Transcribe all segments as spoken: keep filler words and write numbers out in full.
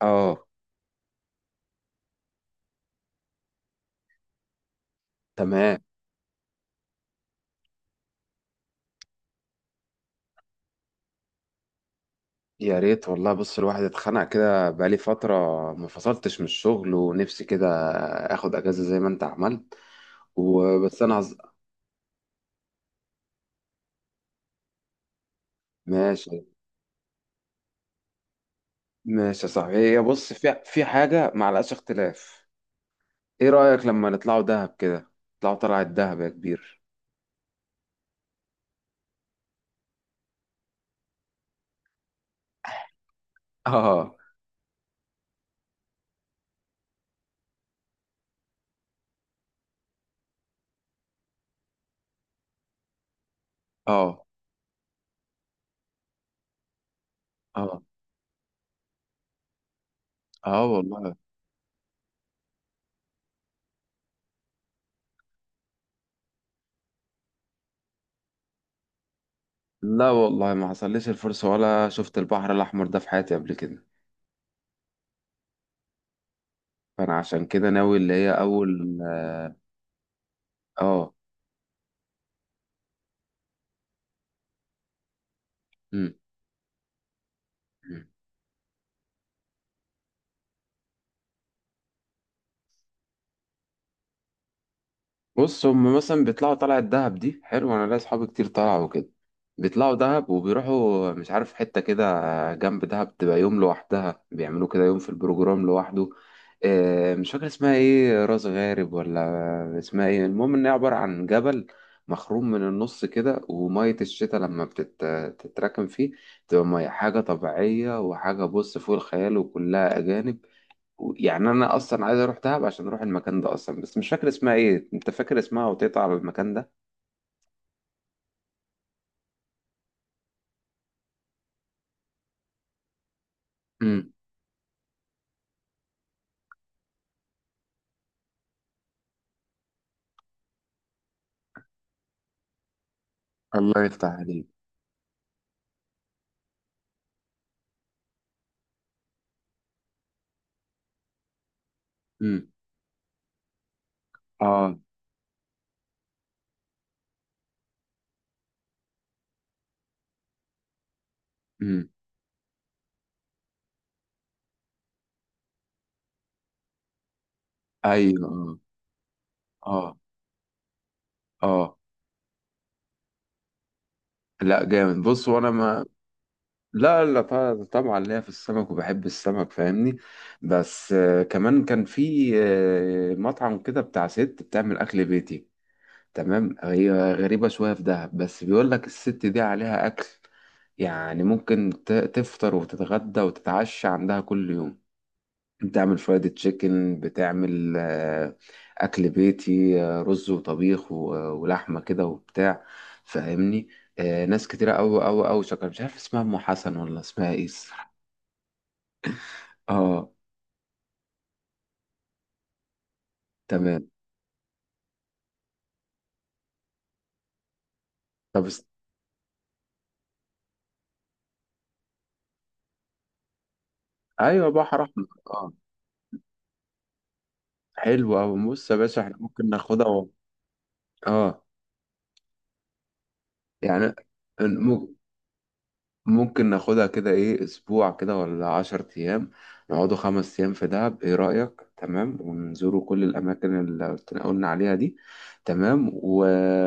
اه. تمام. يا ريت والله، بص الواحد اتخنق كده بقالي فترة، ما فصلتش من الشغل ونفسي كده اخد اجازة زي ما انت عملت وبس انا عز... ماشي. ماشي يا صاحبي، هي بص في في حاجة معلقاش اختلاف. ايه رأيك لما نطلعوا دهب كده؟ نطلعوا طلعة دهب يا كبير. اه. اه. اه. اه والله. لا والله، ما حصلليش الفرصة ولا شفت البحر الأحمر ده في حياتي قبل كده، فأنا عشان كده ناوي اللي هي أول اه. آه. مم. بص، هم مثلا بيطلعوا طلعة دهب دي حلو، انا ليا اصحابي كتير طلعوا كده، بيطلعوا دهب وبيروحوا مش عارف حتة كده جنب دهب تبقى يوم لوحدها، بيعملوا كده يوم في البروجرام لوحده. آه، مش فاكر اسمها ايه، راس غارب ولا اسمها ايه، المهم ان هي عبارة عن جبل مخروم من النص كده، ومية الشتاء لما بتتراكم فيه تبقى مية حاجة طبيعية، وحاجة بص فوق الخيال، وكلها أجانب. يعني انا اصلا عايز اروح دهب عشان اروح المكان ده اصلا، بس مش فاكر اسمها ايه، انت فاكر اسمها وتقطع على المكان ده؟ امم. الله يفتح عليك. امم. اه. امم. ايوه. اه. اه. اه. لا جامد، بص وانا ما... لا لا، طبعا طبعاً ليا في السمك وبحب السمك فاهمني، بس آه كمان كان في آه مطعم كده بتاع ست بتعمل اكل بيتي. تمام، هي غريبة شوية في دهب، بس بيقول لك الست دي عليها اكل، يعني ممكن ت- تفطر وتتغدى وتتعشى عندها كل يوم، بتعمل فرايد تشيكن، بتعمل آه، أكل بيتي، آه، رز وطبيخ و- آه، ولحمة كده وبتاع، فاهمني. آه، ناس كتيرة أوي أوي أوي شكرا، مش عارف اسمها أم حسن ولا اسمها إيه الصراحة. اه. تمام. طب است... أيوة، بحر أحمر اه. حلو أوي، بص يا باشا إحنا ممكن ناخدها و... اه، يعني ممكن ناخدها كده ايه اسبوع كده ولا عشر ايام، نقعدوا خمس ايام في دهب ايه رأيك؟ تمام، ونزوروا كل الاماكن اللي قلنا عليها دي. تمام و...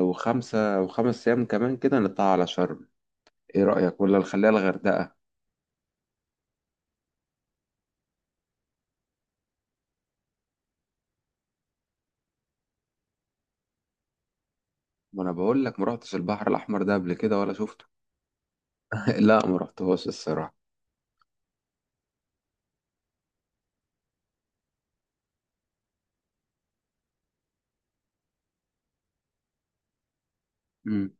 وخمسة وخمس ايام كمان كده نطلع على شرم. ايه رأيك ولا نخليها الغردقة؟ ما انا بقول لك ما رحتش البحر الاحمر ده قبل كده ولا شفته. لا، ما رحتهوش الصراحة. امم.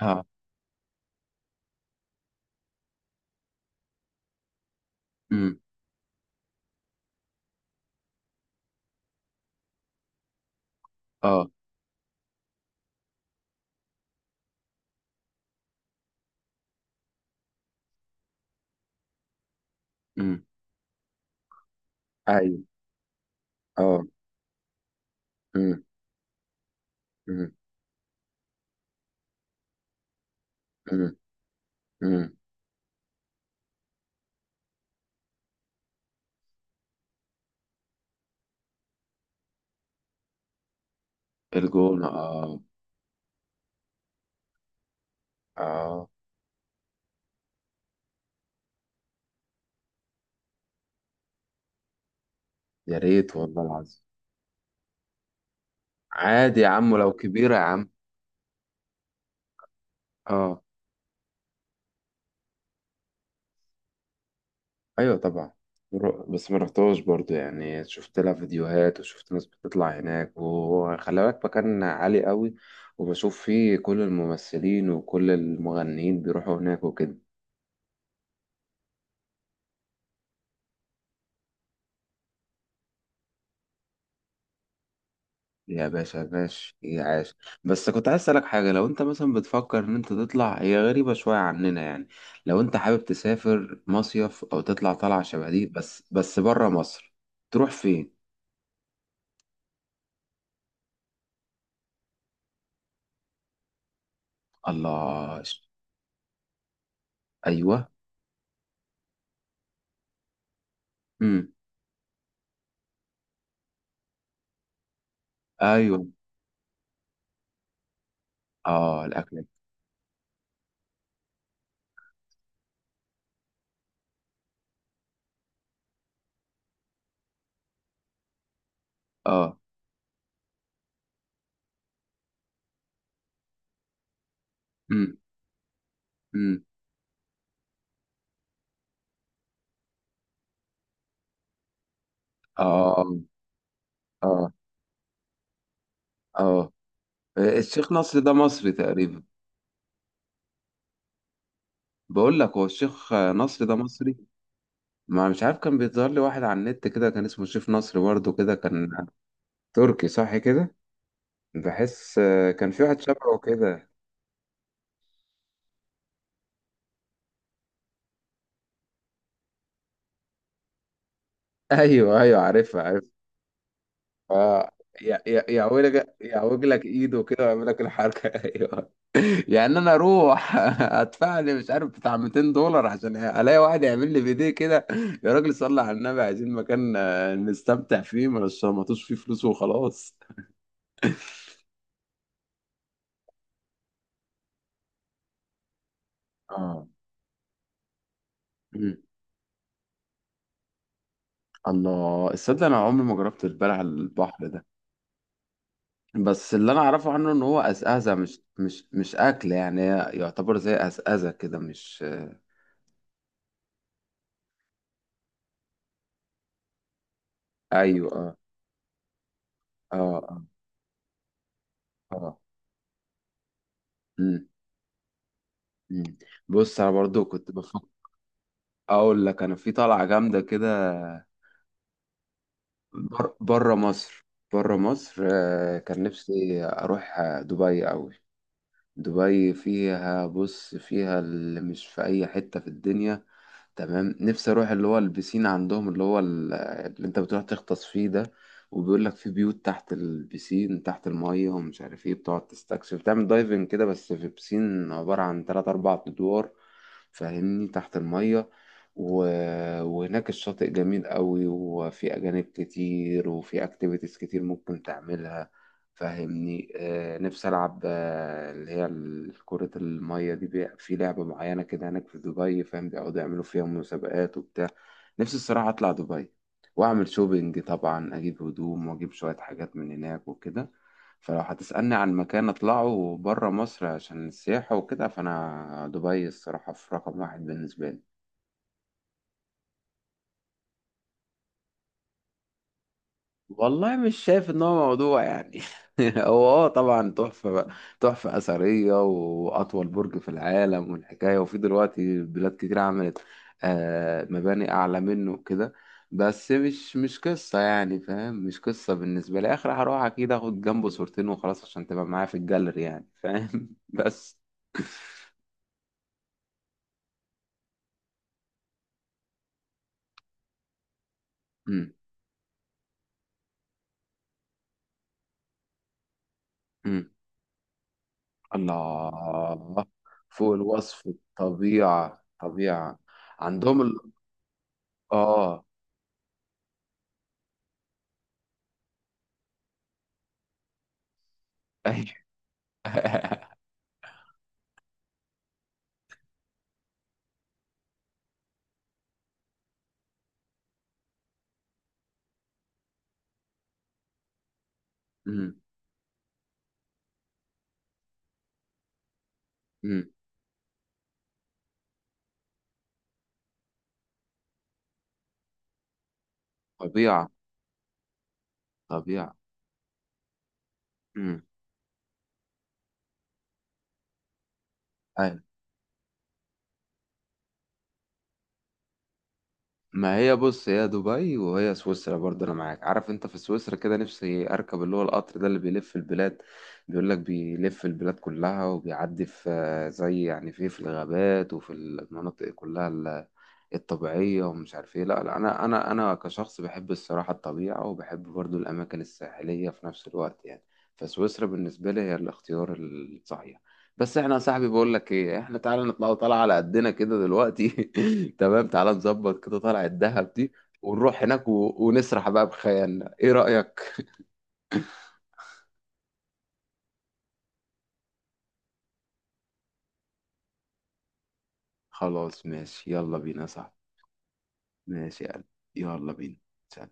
اه. امم. اه. امم. ايوه. اه. امم. امم. امم. امم. الجونة اه. اه. يا ريت والله العظيم. عادي يا عم، لو كبيرة يا عم. اه. ايوه طبعا. رو- بس ما رحتهاش برضو، يعني شفت لها فيديوهات وشفت ناس بتطلع هناك، وخلي بالك مكان عالي قوي، وبشوف فيه كل الممثلين وكل المغنيين بيروحوا هناك وكده. يا باشا باش يا عاش. بس كنت عايز اسألك حاجة، لو انت مثلا بتفكر ان انت تطلع، هي غريبة شوية عننا يعني، لو انت حابب تسافر مصيف او تطلع طلعة شبه دي بس بس بره مصر، تروح فين؟ الله. ايوه. امم. ايوه. اه الاكل. اه. امم. امم. اه. اه. اه. آه. الشيخ نصر ده مصري تقريبا. بقول لك هو الشيخ نصر ده مصري؟ ما مش عارف، كان بيظهر لي واحد على النت كده كان اسمه الشيخ نصر برضه كده كان. تركي صح كده. بحس آه، كان في واحد شبهه كده ايوه. ايوه عارفها، عارف. اه. يع- يع- يعوج لك يعوج لك ايده كده ويعمل لك الحركه ايوه. يعني انا اروح ادفع لي مش عارف بتاع مئتين دولار عشان الاقي واحد يعمل لي فيديو كده؟ يا راجل صلي على النبي، عايزين مكان آه، نستمتع فيه، ما نشمطوش فيه فلوس وخلاص. اه. مم. الله، الصدق انا عمري ما جربت البلع على البحر ده، بس اللي انا اعرفه عنه ان هو اسئزه، مش مش مش اكل يعني، هي يعتبر زي اسئزه كده مش... ايوه. اه. اه. اه. اه. مم، مم. بص انا برضو كنت بفكر اقول لك انا في طلعه جامده كده. بر... بره مصر. بره مصر. آه، كان نفسي اروح آه، دبي قوي. دبي فيها، بص فيها اللي مش في اي حتة في الدنيا. تمام، نفسي اروح اللي هو البسين عندهم، اللي هو ال- اللي انت بتروح تغطس فيه ده، وبيقول لك في بيوت تحت البسين تحت المية ومش عارف ايه، بتقعد تستكشف، تعمل دايفنج كده، بس في بسين عبارة عن تلات أربع أدوار فاهمني، تحت المية. و... وهناك الشاطئ جميل قوي وفي أجانب كتير وفي أكتيفيتيز كتير ممكن تعملها فاهمني. آه، نفسي ألعب آه، اللي هي ال- كرة المية دي، بي- في لعبة معينة كده هناك في دبي فاهم، بيقعدوا يعملوا فيها مسابقات وبتاع. نفسي الصراحة أطلع دبي، وأعمل شوبينج طبعا، أجيب هدوم وأجيب شوية حاجات من هناك وكده. فلو هتسألني عن مكان أطلعه برا مصر عشان السياحة وكده، فأنا دبي الصراحة في رقم واحد بالنسبة لي. والله مش شايف ان هو موضوع يعني. هو اه طبعا تحفة بقى، تحفة أثرية وأطول برج في العالم والحكاية، وفي دلوقتي بلاد كتير عملت آه مباني أعلى منه وكده، بس مش مش قصة يعني فاهم، مش قصة بالنسبة لي، آخر هروح أكيد آخد جنبه صورتين وخلاص عشان تبقى معايا في الجاليري يعني فاهم بس مم. مم. الله. فوق الوصف، الطبيعة، طبيعة عندهم ال... اه. امم. امم. طبيعة. طبيعة. امم. ايوه، ما هي بص، هي دبي وهي سويسرا برضه انا معاك، عارف انت في سويسرا كده نفسي اركب اللي هو القطر ده اللي بيلف البلاد، بيقول لك بيلف البلاد كلها وبيعدي في آه، زي يعني في في الغابات وفي المناطق كلها ال- الطبيعية ومش عارف ايه، لا لا انا انا انا كشخص بحب الصراحة الطبيعة وبحب برضه الاماكن الساحلية في نفس الوقت يعني، فسويسرا بالنسبة لي هي الاختيار الصحيح. بس احنا يا صاحبي بقول لك ايه، احنا تعالى نطلع طالعه على قدنا كده دلوقتي تمام، تعالى نظبط كده طلعه الدهب دي، ونروح هناك و... ونسرح بقى بخيالنا، ايه رأيك؟ خلاص ماشي، يلا بينا يا صاحبي. ماشي يا قلبي. يلا بينا. سلام.